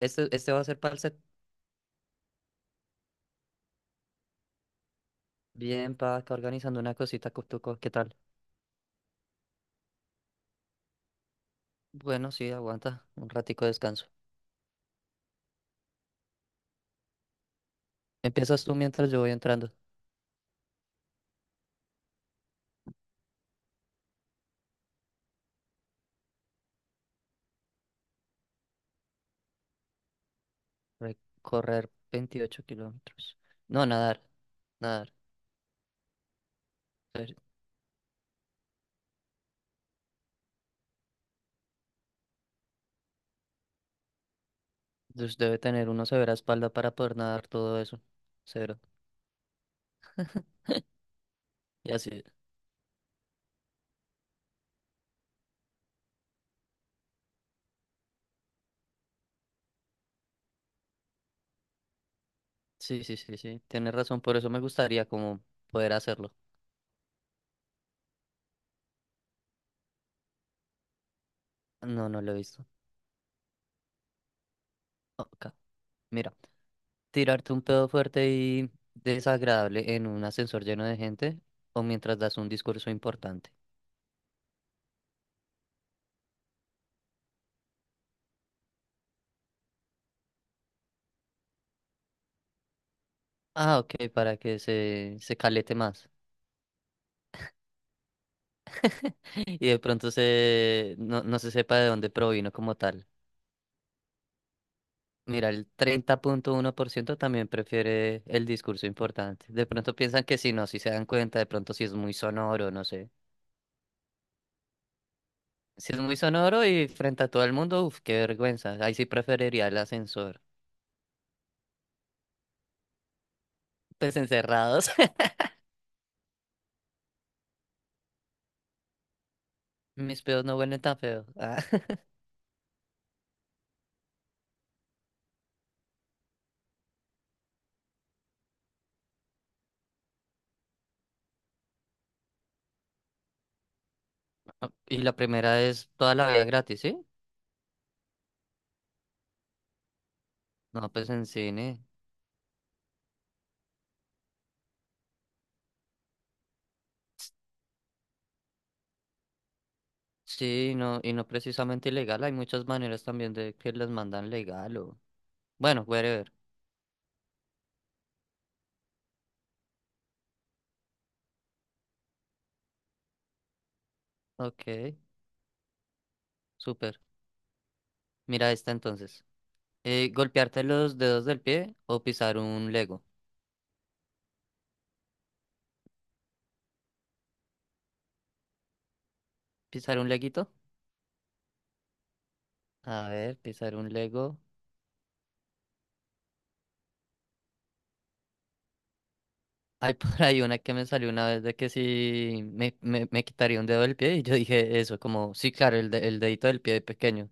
Este va a ser para el set. Bien, pa, acá organizando una cosita, Cutuco. ¿Qué tal? Bueno, sí, aguanta. Un ratico de descanso. Empiezas tú mientras yo voy entrando. Recorrer 28 kilómetros. No, nadar. Nadar. Ver, pues debe tener uno severa espalda para poder nadar todo eso. Cero. Y así. Sí, sí, sí, sí. Tienes razón. Por eso me gustaría como poder hacerlo. No, no lo he visto. Ok. Mira, tirarte un pedo fuerte y desagradable en un ascensor lleno de gente o mientras das un discurso importante. Ah, ok, para que se calete más. Y de pronto no, no se sepa de dónde provino como tal. Mira, el 30.1% también prefiere el discurso importante. De pronto piensan que si no, si se dan cuenta, de pronto si es muy sonoro, no sé. Si es muy sonoro y frente a todo el mundo, uff, qué vergüenza. Ahí sí preferiría el ascensor. Pues encerrados. Mis pedos no huelen tan feo. Ah, Y la primera es toda la vida gratis, ¿sí? No, pues en cine. Sí, no, y no precisamente ilegal. Hay muchas maneras también de que las mandan legal o... Bueno, whatever. Ok, súper. Mira esta entonces. ¿Golpearte los dedos del pie o pisar un Lego? ¿Pisar un leguito? A ver, pisar un Lego. Hay por ahí una que me salió una vez de que si me quitaría un dedo del pie y yo dije eso, como, sí, claro, el dedito del pie pequeño.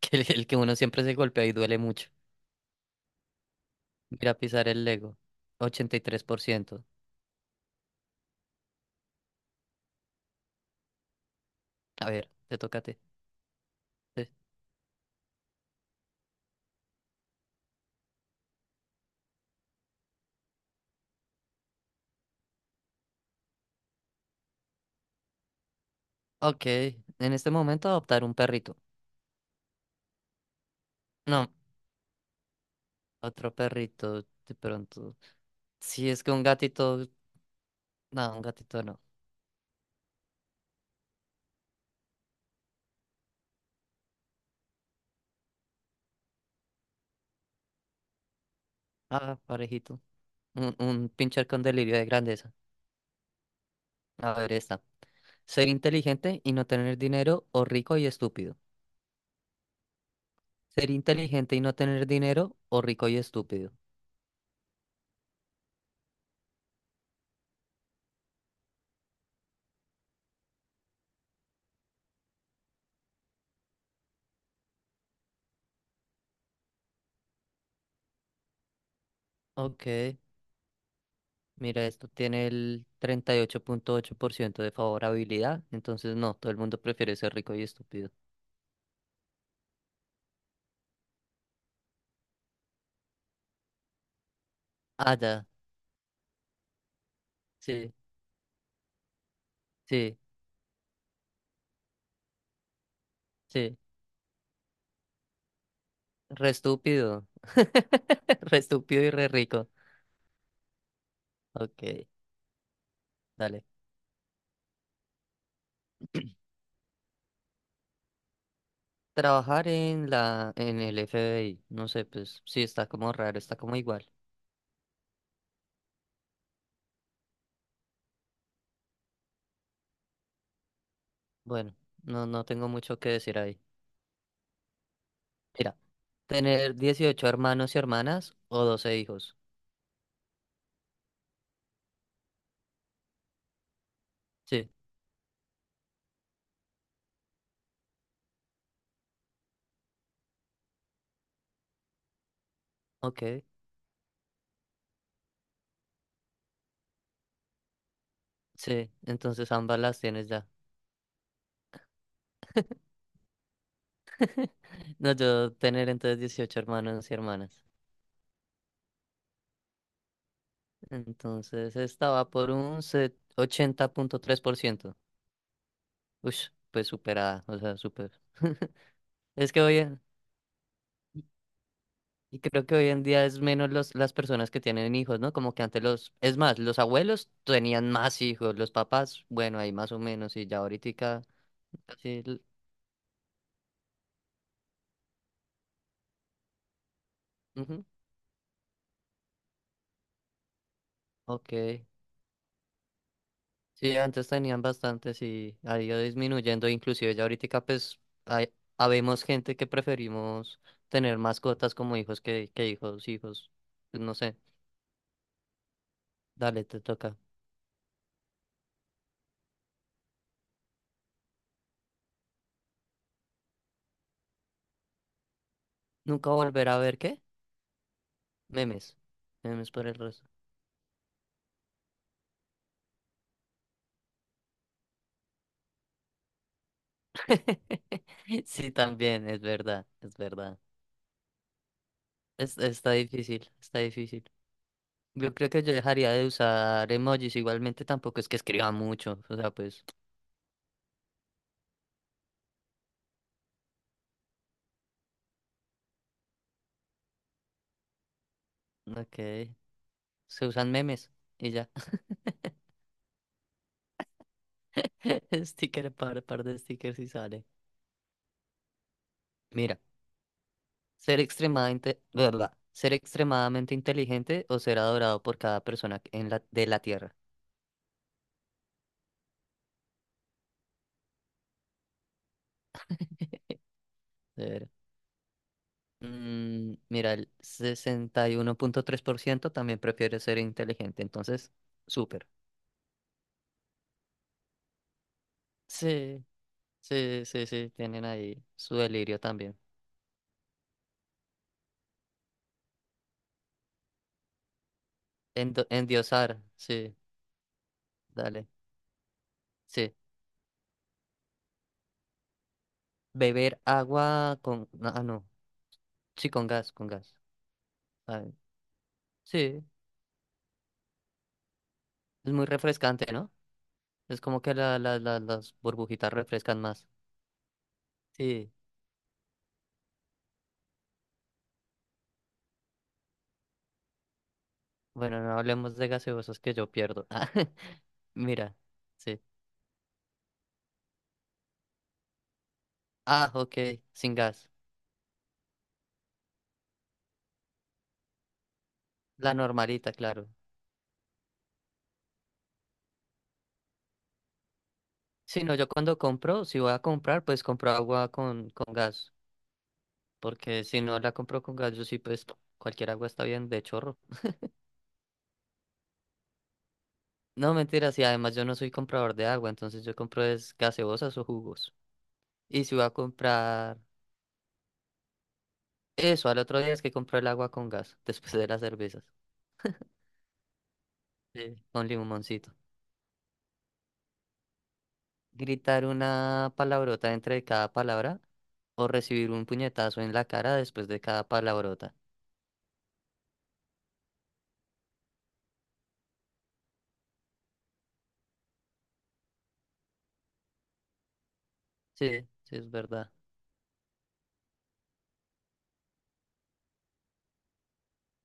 Que el que uno siempre se golpea y duele mucho. Ir a pisar el Lego, 83%. A ver, te toca a ti. Sí. Ok, en este momento adoptar un perrito. No, otro perrito, de pronto. Si es que un gatito, no, un gatito no. Ah, parejito. Un pincher con delirio de grandeza. A ver, esta. Ser inteligente y no tener dinero o rico y estúpido. Ser inteligente y no tener dinero o rico y estúpido. Ok. Mira, esto tiene el treinta y ocho 8.8% de favorabilidad, entonces no, todo el mundo prefiere ser rico y estúpido. Ah, ya, sí, sí, sí, re estúpido, re estúpido y re rico. Ok, dale. Trabajar en el FBI, no sé, pues sí, está como raro, está como igual. Bueno, no, no tengo mucho que decir ahí. Mira, tener 18 hermanos y hermanas o 12 hijos. Sí, ok, sí, entonces ambas las tienes ya. No, yo tener entonces 18 hermanos y hermanas. Entonces estaba por 80.3%. Uy, pues superada, o sea, super. Es que y creo que hoy en día es menos las personas que tienen hijos, ¿no? Como que antes es más, los abuelos tenían más hijos, los papás, bueno, ahí más o menos, y ya ahorita casi, ujú, ok. Sí, antes tenían bastantes y ha ido disminuyendo, inclusive ya ahorita pues hay, habemos gente que preferimos tener mascotas como hijos que hijos, hijos, pues, no sé, dale, te toca. ¿Nunca volver a ver qué? Memes, memes por el resto. Sí, también, es verdad, es verdad. Está difícil, está difícil. Yo creo que yo dejaría de usar emojis, igualmente tampoco es que escriba mucho, o sea, pues, ok, se usan memes y ya. Sticker, par de stickers y sale. Mira, ser extremadamente, ¿verdad? Ser extremadamente inteligente o ser adorado por cada persona en de la Tierra. De Ver. Mira, el 61.3% también prefiere ser inteligente, entonces, súper. Sí, sí, sí, sí, tienen ahí su delirio también. Endiosar, sí, dale, sí. Beber agua con, no, sí, con gas, con gas. Ah, sí, es muy refrescante, ¿no? Es como que las burbujitas refrescan más. Sí. Bueno, no hablemos de gaseosos que yo pierdo. Ah, mira, sí. Ah, ok, sin gas. La normalita, claro. Sí, no, yo cuando compro, si voy a comprar, pues compro agua con gas. Porque si no la compro con gas, yo sí, pues cualquier agua está bien de chorro. No, mentira, sí, además yo no soy comprador de agua, entonces yo compro es gaseosas o jugos. Y si voy a comprar eso, al otro día es que compro el agua con gas, después de las cervezas. Sí. Con limoncito. Gritar una palabrota entre cada palabra o recibir un puñetazo en la cara después de cada palabrota. Sí, sí, es verdad.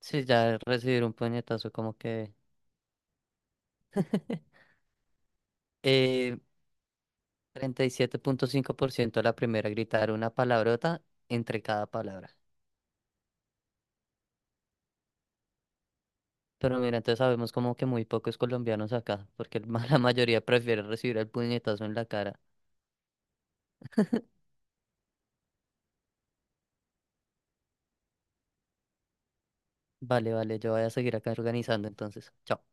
Sí, ya recibir un puñetazo como que... Eh, 37.5% la primera, gritar una palabrota entre cada palabra. Pero mira, entonces sabemos como que muy pocos colombianos acá, porque la mayoría prefiere recibir el puñetazo en la cara. Vale, vale, yo voy a seguir acá organizando entonces. Chao.